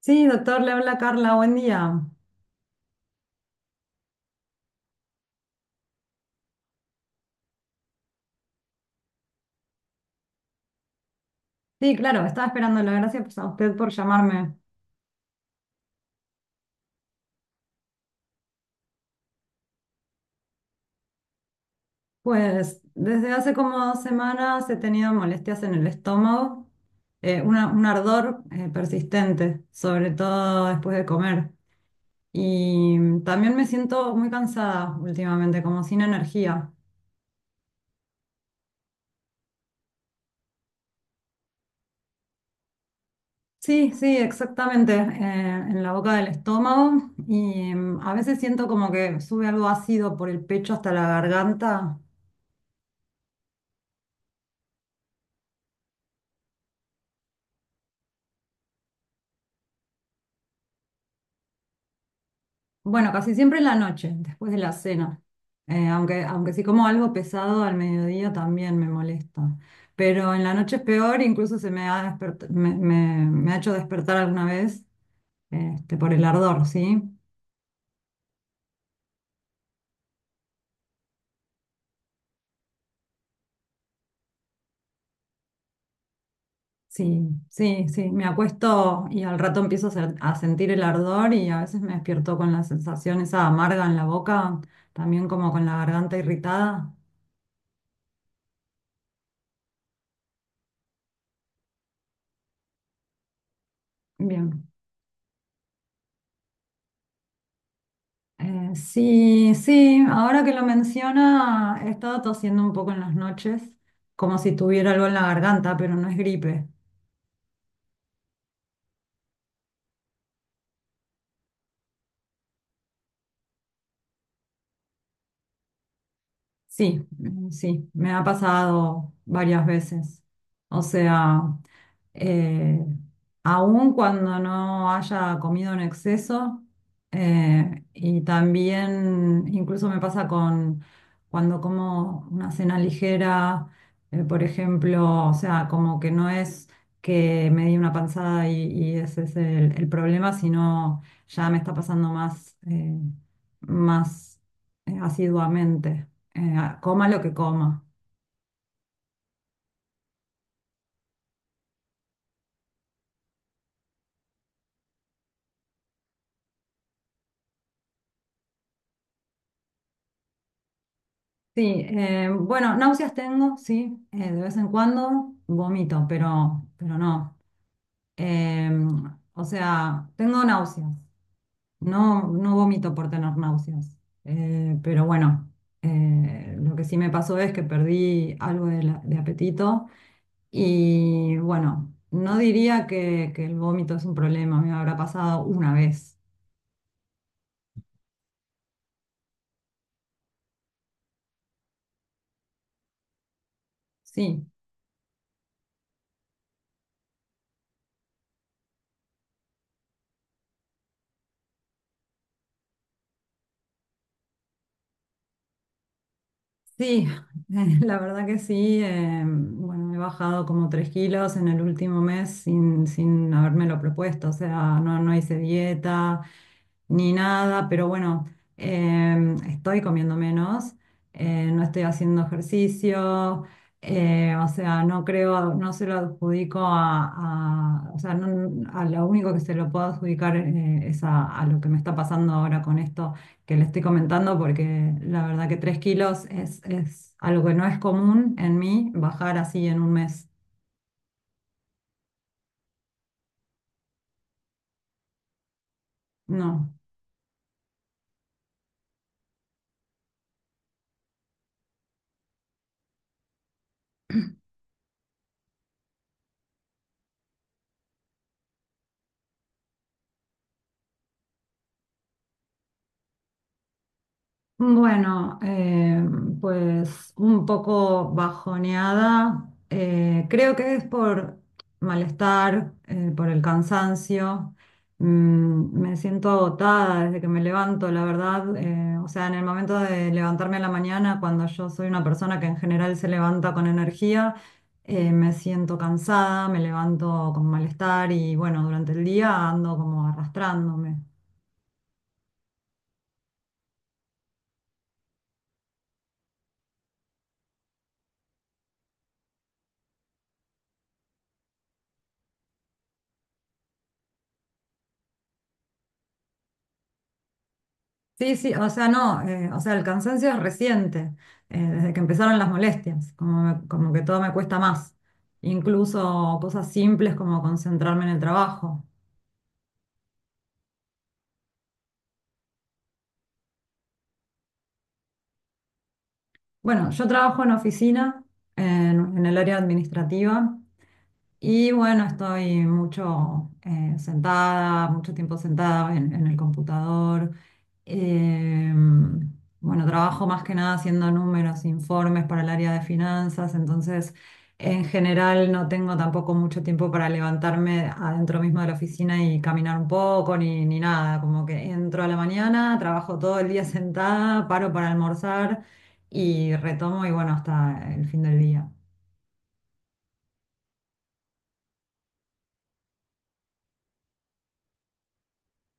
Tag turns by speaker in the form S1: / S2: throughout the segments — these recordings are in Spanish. S1: Sí, doctor, le habla Carla, buen día. Sí, claro, estaba esperándolo. Gracias pues, a usted por llamarme. Pues desde hace como 2 semanas he tenido molestias en el estómago, un ardor persistente, sobre todo después de comer. Y también me siento muy cansada últimamente, como sin energía. Sí, sí, exactamente, en la boca del estómago. Y a veces siento como que sube algo ácido por el pecho hasta la garganta. Bueno, casi siempre en la noche, después de la cena. Aunque si como algo pesado al mediodía también me molesta. Pero en la noche es peor, incluso se me ha, despert- me- me ha hecho despertar alguna vez este, por el ardor, ¿sí? Sí, sí, sí. Me acuesto y al rato empiezo a sentir el ardor y a veces me despierto con la sensación esa amarga en la boca, también como con la garganta irritada. Bien. Sí, sí, ahora que lo menciona, he estado tosiendo un poco en las noches, como si tuviera algo en la garganta, pero no es gripe. Sí, sí, me ha pasado varias veces. O sea, eh, aun cuando no haya comido en exceso. Y también incluso me pasa con cuando como una cena ligera, por ejemplo, o sea, como que no es que me di una panzada y ese es el problema, sino ya me está pasando más, más asiduamente. Coma lo que coma. Sí, bueno, náuseas tengo, sí, de vez en cuando vomito, pero no. Eh, o sea, tengo náuseas. No, no vomito por tener náuseas. Pero bueno, lo que sí me pasó es que perdí algo de apetito y bueno, no diría que el vómito es un problema. Me habrá pasado una vez, sí. Sí, la verdad que sí. Bueno, he bajado como 3 kilos en el último mes sin habérmelo propuesto. O sea, no, no hice dieta ni nada. Pero bueno, estoy comiendo menos. No estoy haciendo ejercicio. O sea, no creo, no se lo adjudico o sea, a lo único que se lo puedo adjudicar es a lo que me está pasando ahora con esto que le estoy comentando porque la verdad que 3 kilos es algo que no es común en mí bajar así en un mes. No. Bueno, pues un poco bajoneada. Creo que es por malestar, por el cansancio. Me siento agotada desde que me levanto, la verdad. O sea, en el momento de levantarme a la mañana, cuando yo soy una persona que en general se levanta con energía, me siento cansada, me levanto con malestar y bueno, durante el día ando como arrastrándome. Sí, sí, o sea, no, o sea, el cansancio es reciente, desde que empezaron las molestias, como que todo me cuesta más, incluso cosas simples como concentrarme en el trabajo. Bueno, yo trabajo en oficina, en el área administrativa, y bueno, estoy mucho sentada, mucho tiempo sentada en el computador. Eh, bueno, trabajo más que nada haciendo números, informes para el área de finanzas. Entonces en general no tengo tampoco mucho tiempo para levantarme adentro mismo de la oficina y caminar un poco ni nada, como que entro a la mañana, trabajo todo el día sentada, paro para almorzar y retomo y bueno, hasta el fin del día.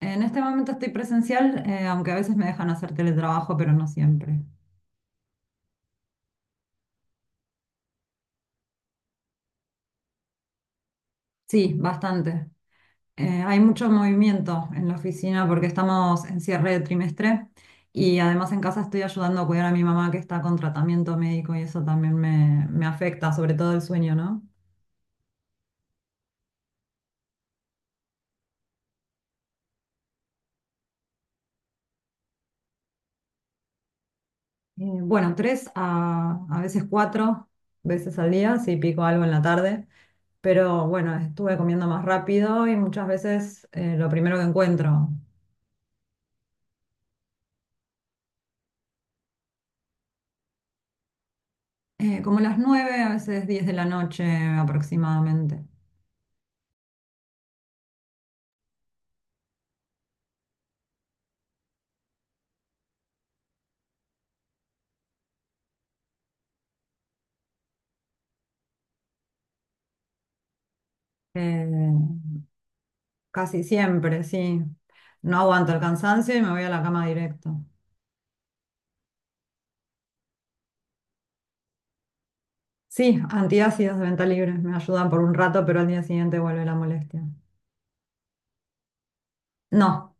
S1: En este momento estoy presencial, aunque a veces me dejan hacer teletrabajo, pero no siempre. Sí, bastante. Hay mucho movimiento en la oficina porque estamos en cierre de trimestre y además en casa estoy ayudando a cuidar a mi mamá que está con tratamiento médico y eso también me afecta, sobre todo el sueño, ¿no? Bueno, 3 a veces 4 veces al día, si pico algo en la tarde. Pero bueno, estuve comiendo más rápido y muchas veces lo primero que encuentro. Como las 9, a veces 10 de la noche aproximadamente. Eh, Casi siempre, sí. No aguanto el cansancio y me voy a la cama directo. Sí, antiácidos de venta libre me ayudan por un rato, pero al día siguiente vuelve la molestia. No,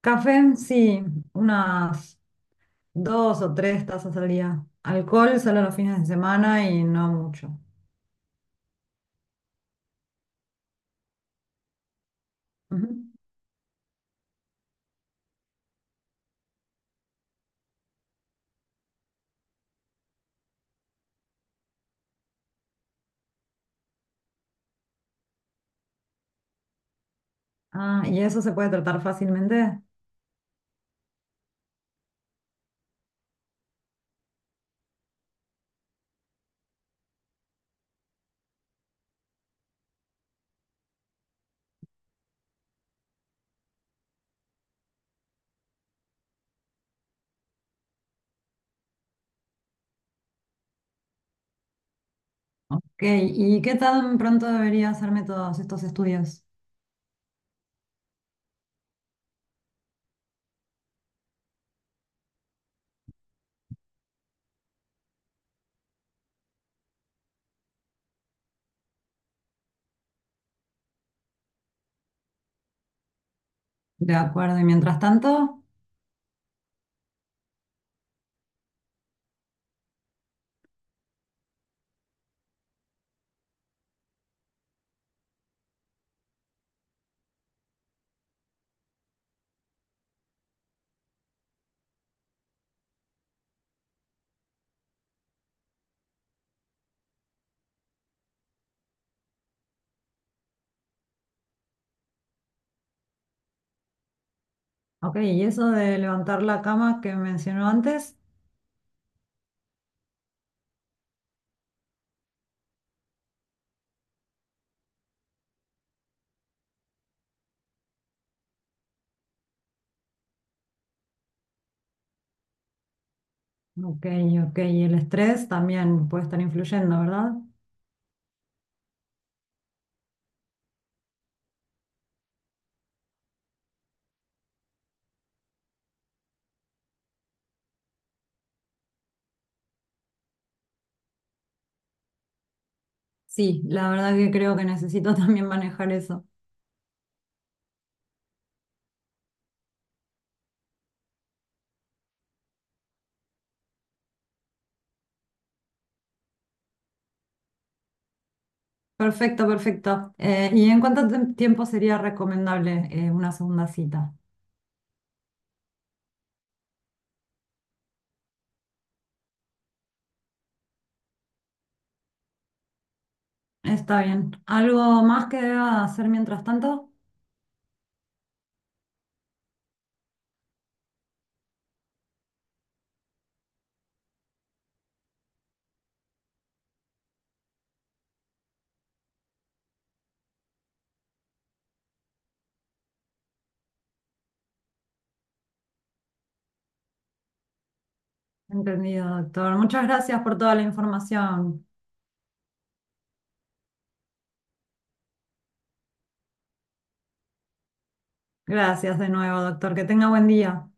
S1: café sí, unas 2 o 3 tazas al día. Alcohol solo los fines de semana y no mucho. Ujú. Ah, ¿y eso se puede tratar fácilmente? Ok, ¿y qué tan pronto debería hacerme todos estos estudios? De acuerdo, y mientras tanto, ok, ¿y eso de levantar la cama que mencionó antes? Ok, ok, y el estrés también puede estar influyendo, ¿verdad? Sí, la verdad que creo que necesito también manejar eso. Perfecto, perfecto. ¿Y en cuánto tiempo sería recomendable una segunda cita? Está bien. ¿Algo más que deba hacer mientras tanto? Entendido, doctor. Muchas gracias por toda la información. Gracias de nuevo, doctor. Que tenga buen día.